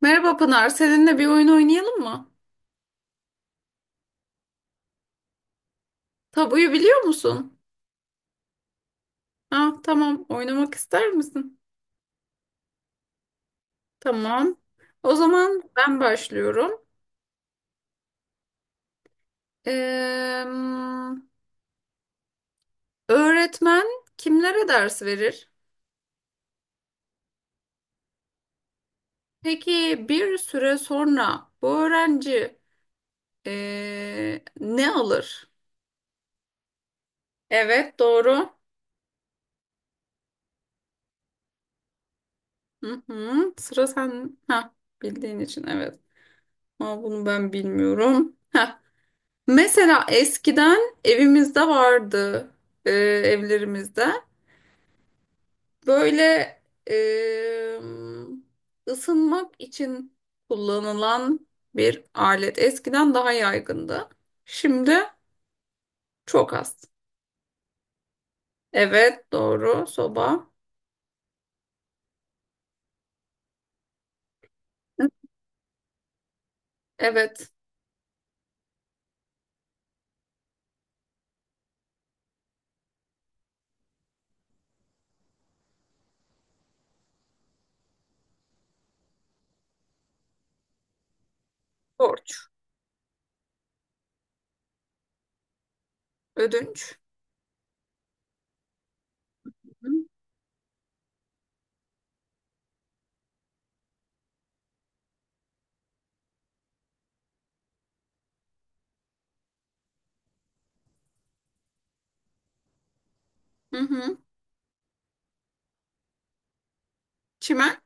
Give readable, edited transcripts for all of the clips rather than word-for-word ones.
Merhaba Pınar, seninle bir oyun oynayalım mı? Tabuyu biliyor musun? Ha, tamam, oynamak ister misin? Tamam. O zaman ben başlıyorum. Ee, Öğretmen kimlere ders verir? Peki bir süre sonra bu öğrenci ne alır? Evet, doğru. Hı hı, sıra sen. Ha, bildiğin için evet. Ama bunu ben bilmiyorum. Mesela eskiden evimizde vardı, evlerimizde. Böyle e, ısınmak için kullanılan bir alet. Eskiden daha yaygındı. Şimdi çok az. Evet, doğru. Soba. Evet. Borç. Ödünç. Hı hı. Çimen.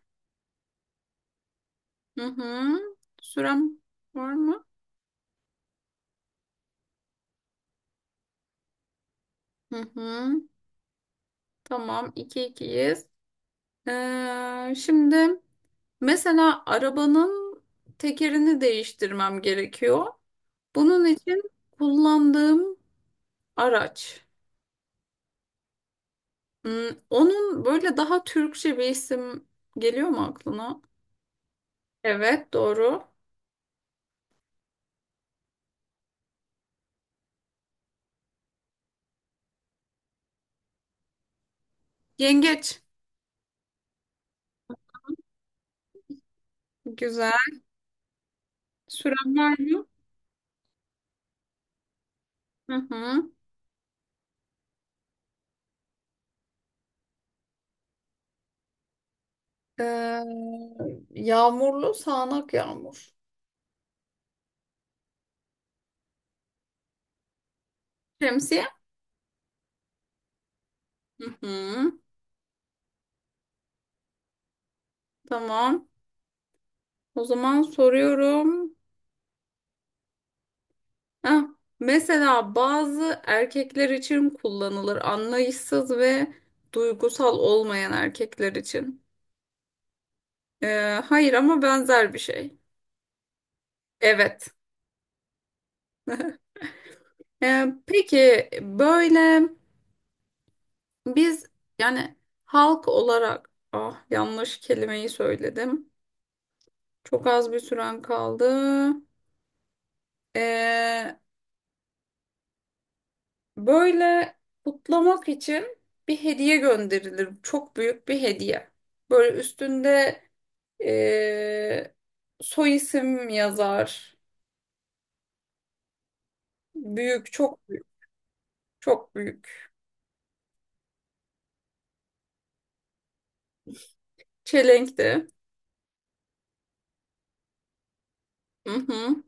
Hı hı. Sürem var mı? Hı hı. Tamam. iki ikiyiz. Şimdi mesela arabanın tekerini değiştirmem gerekiyor. Bunun için kullandığım araç. Hmm, Onun böyle daha Türkçe bir isim geliyor mu aklına? Evet, doğru. Yengeç. Güzel. Süren var mı? Hı hı. Ee, Yağmurlu sağanak yağmur. Şemsiye. Hı hı. Tamam. O zaman soruyorum. Heh, Mesela bazı erkekler için kullanılır, anlayışsız ve duygusal olmayan erkekler için. Hayır ama benzer bir şey. Evet. Peki böyle biz, yani halk olarak, ah, yanlış kelimeyi söyledim. Çok az bir süren kaldı. Ee, Böyle kutlamak için bir hediye gönderilir. Çok büyük bir hediye. Böyle üstünde Ee, soy isim yazar. Büyük, çok büyük, çok büyük. Çelenkti. Hı hı.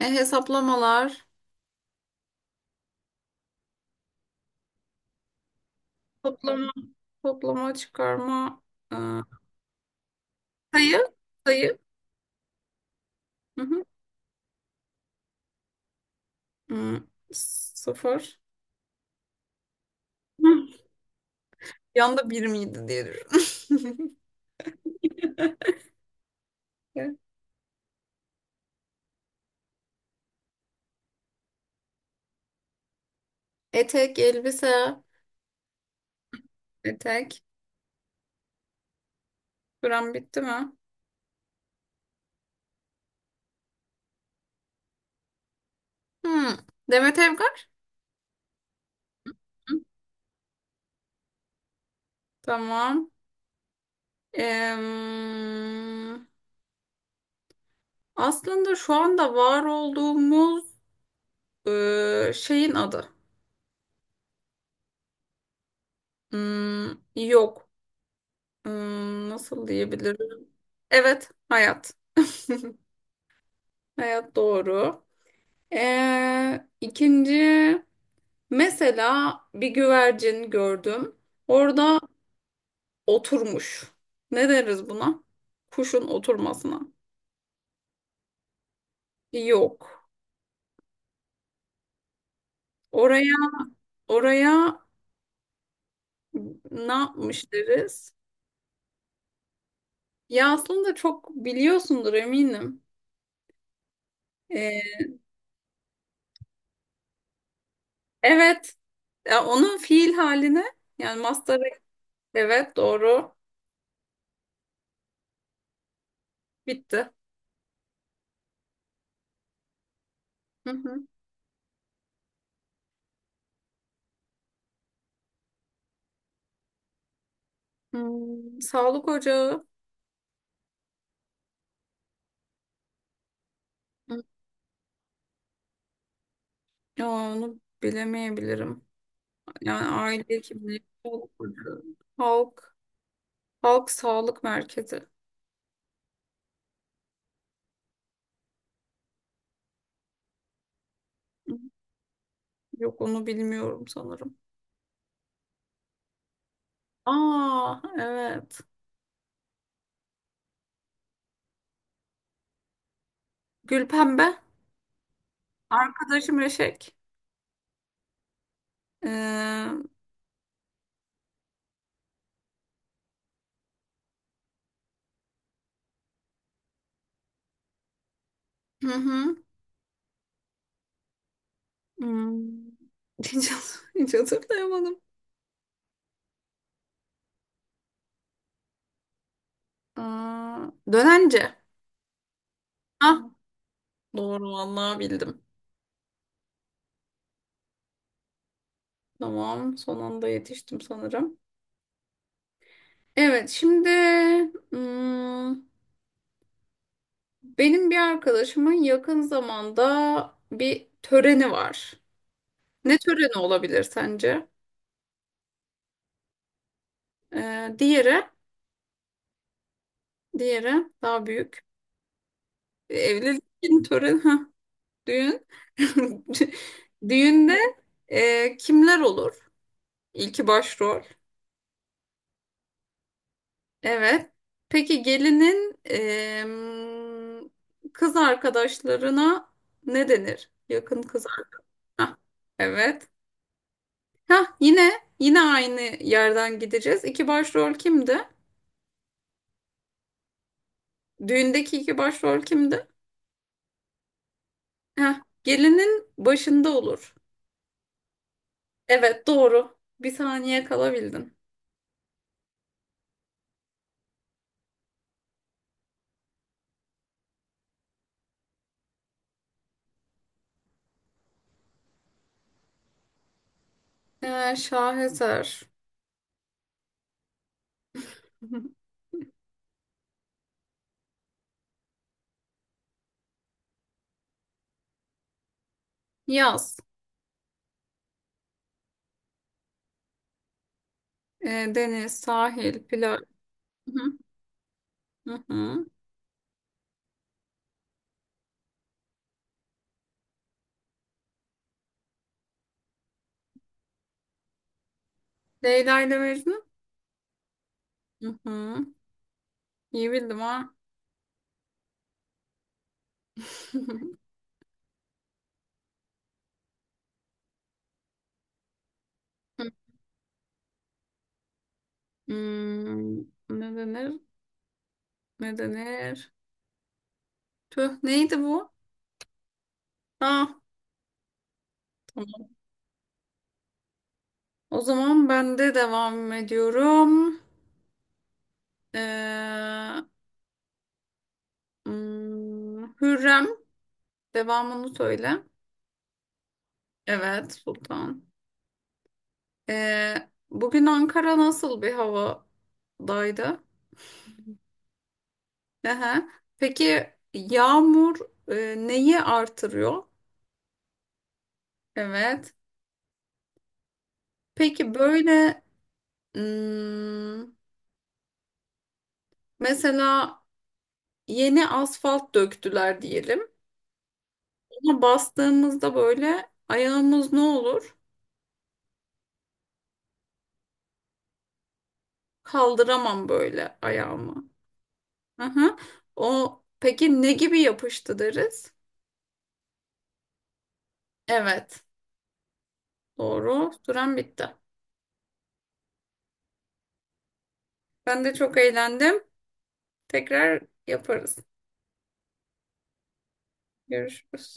Hesaplamalar. Toplama, toplama, çıkarma. e, Sayı, sayı. Hı hı. Hı, sıfır. Hı. Yanda bir miydi diye düşünüyorum. Etek, elbise. Etek. Süren bitti mi? Hı. Demet Evgar. Tamam. Em, Aslında şu anda var olduğumuz şeyin adı. Hmm, Yok. Nasıl diyebilirim? Evet, hayat. Hayat doğru. İkinci, mesela bir güvercin gördüm. Orada oturmuş. Ne deriz buna? Kuşun oturmasına. Yok. Oraya oraya ne yapmış deriz? Ya aslında çok biliyorsundur eminim. Ee, evet. Ya onun fiil haline, yani mastarı. Evet, doğru. Bitti. Hı hı. Sağlık ocağı. Hı. Ya onu bilemeyebilirim. Yani aile hekimliği. Sağlık ocağı. Halk. Halk sağlık merkezi. Hı. Yok, onu bilmiyorum sanırım. Aa evet. Gülpembe. Arkadaşım Eşek. Hı hı. Hmm. Hiç, hiç hatırlayamadım. Aa, dönence. Hah, doğru vallahi bildim. Tamam, son anda yetiştim sanırım. Evet, şimdi hmm, benim bir arkadaşımın yakın zamanda bir töreni var. Ne töreni olabilir sence? Ee, diğeri, diğeri daha büyük. Evlilik töreni, ha, düğün. Düğünde kimler olur? İlki başrol. Evet. Peki gelinin kız arkadaşlarına ne denir? Yakın kız arkadaş. Evet. Hah, yine aynı yerden gideceğiz. İki başrol kimdi? Düğündeki iki başrol kimdi? Hah, gelinin başında olur. Evet, doğru. Bir saniye kalabildin. Şaheser. Yaz. Deniz, sahil, plaj. Hı hı. Hı hı. Leyla ile Mecnun. Hı hı. İyi bildim ha. Hmm, Ne denir? Ne denir? Tüh, neydi bu? Ah, tamam. O zaman ben de devam ediyorum. Ee, Hürrem, devamını söyle. Evet, Sultan. Bugün Ankara nasıl bir havadaydı? Aha. Peki yağmur neyi artırıyor? Evet. Peki böyle hmm, mesela yeni asfalt döktüler diyelim. Ona bastığımızda böyle ayağımız ne olur? Kaldıramam böyle ayağımı. Aha. O peki ne gibi yapıştı deriz? Evet. Doğru. Süren bitti. Ben de çok eğlendim. Tekrar yaparız. Görüşürüz.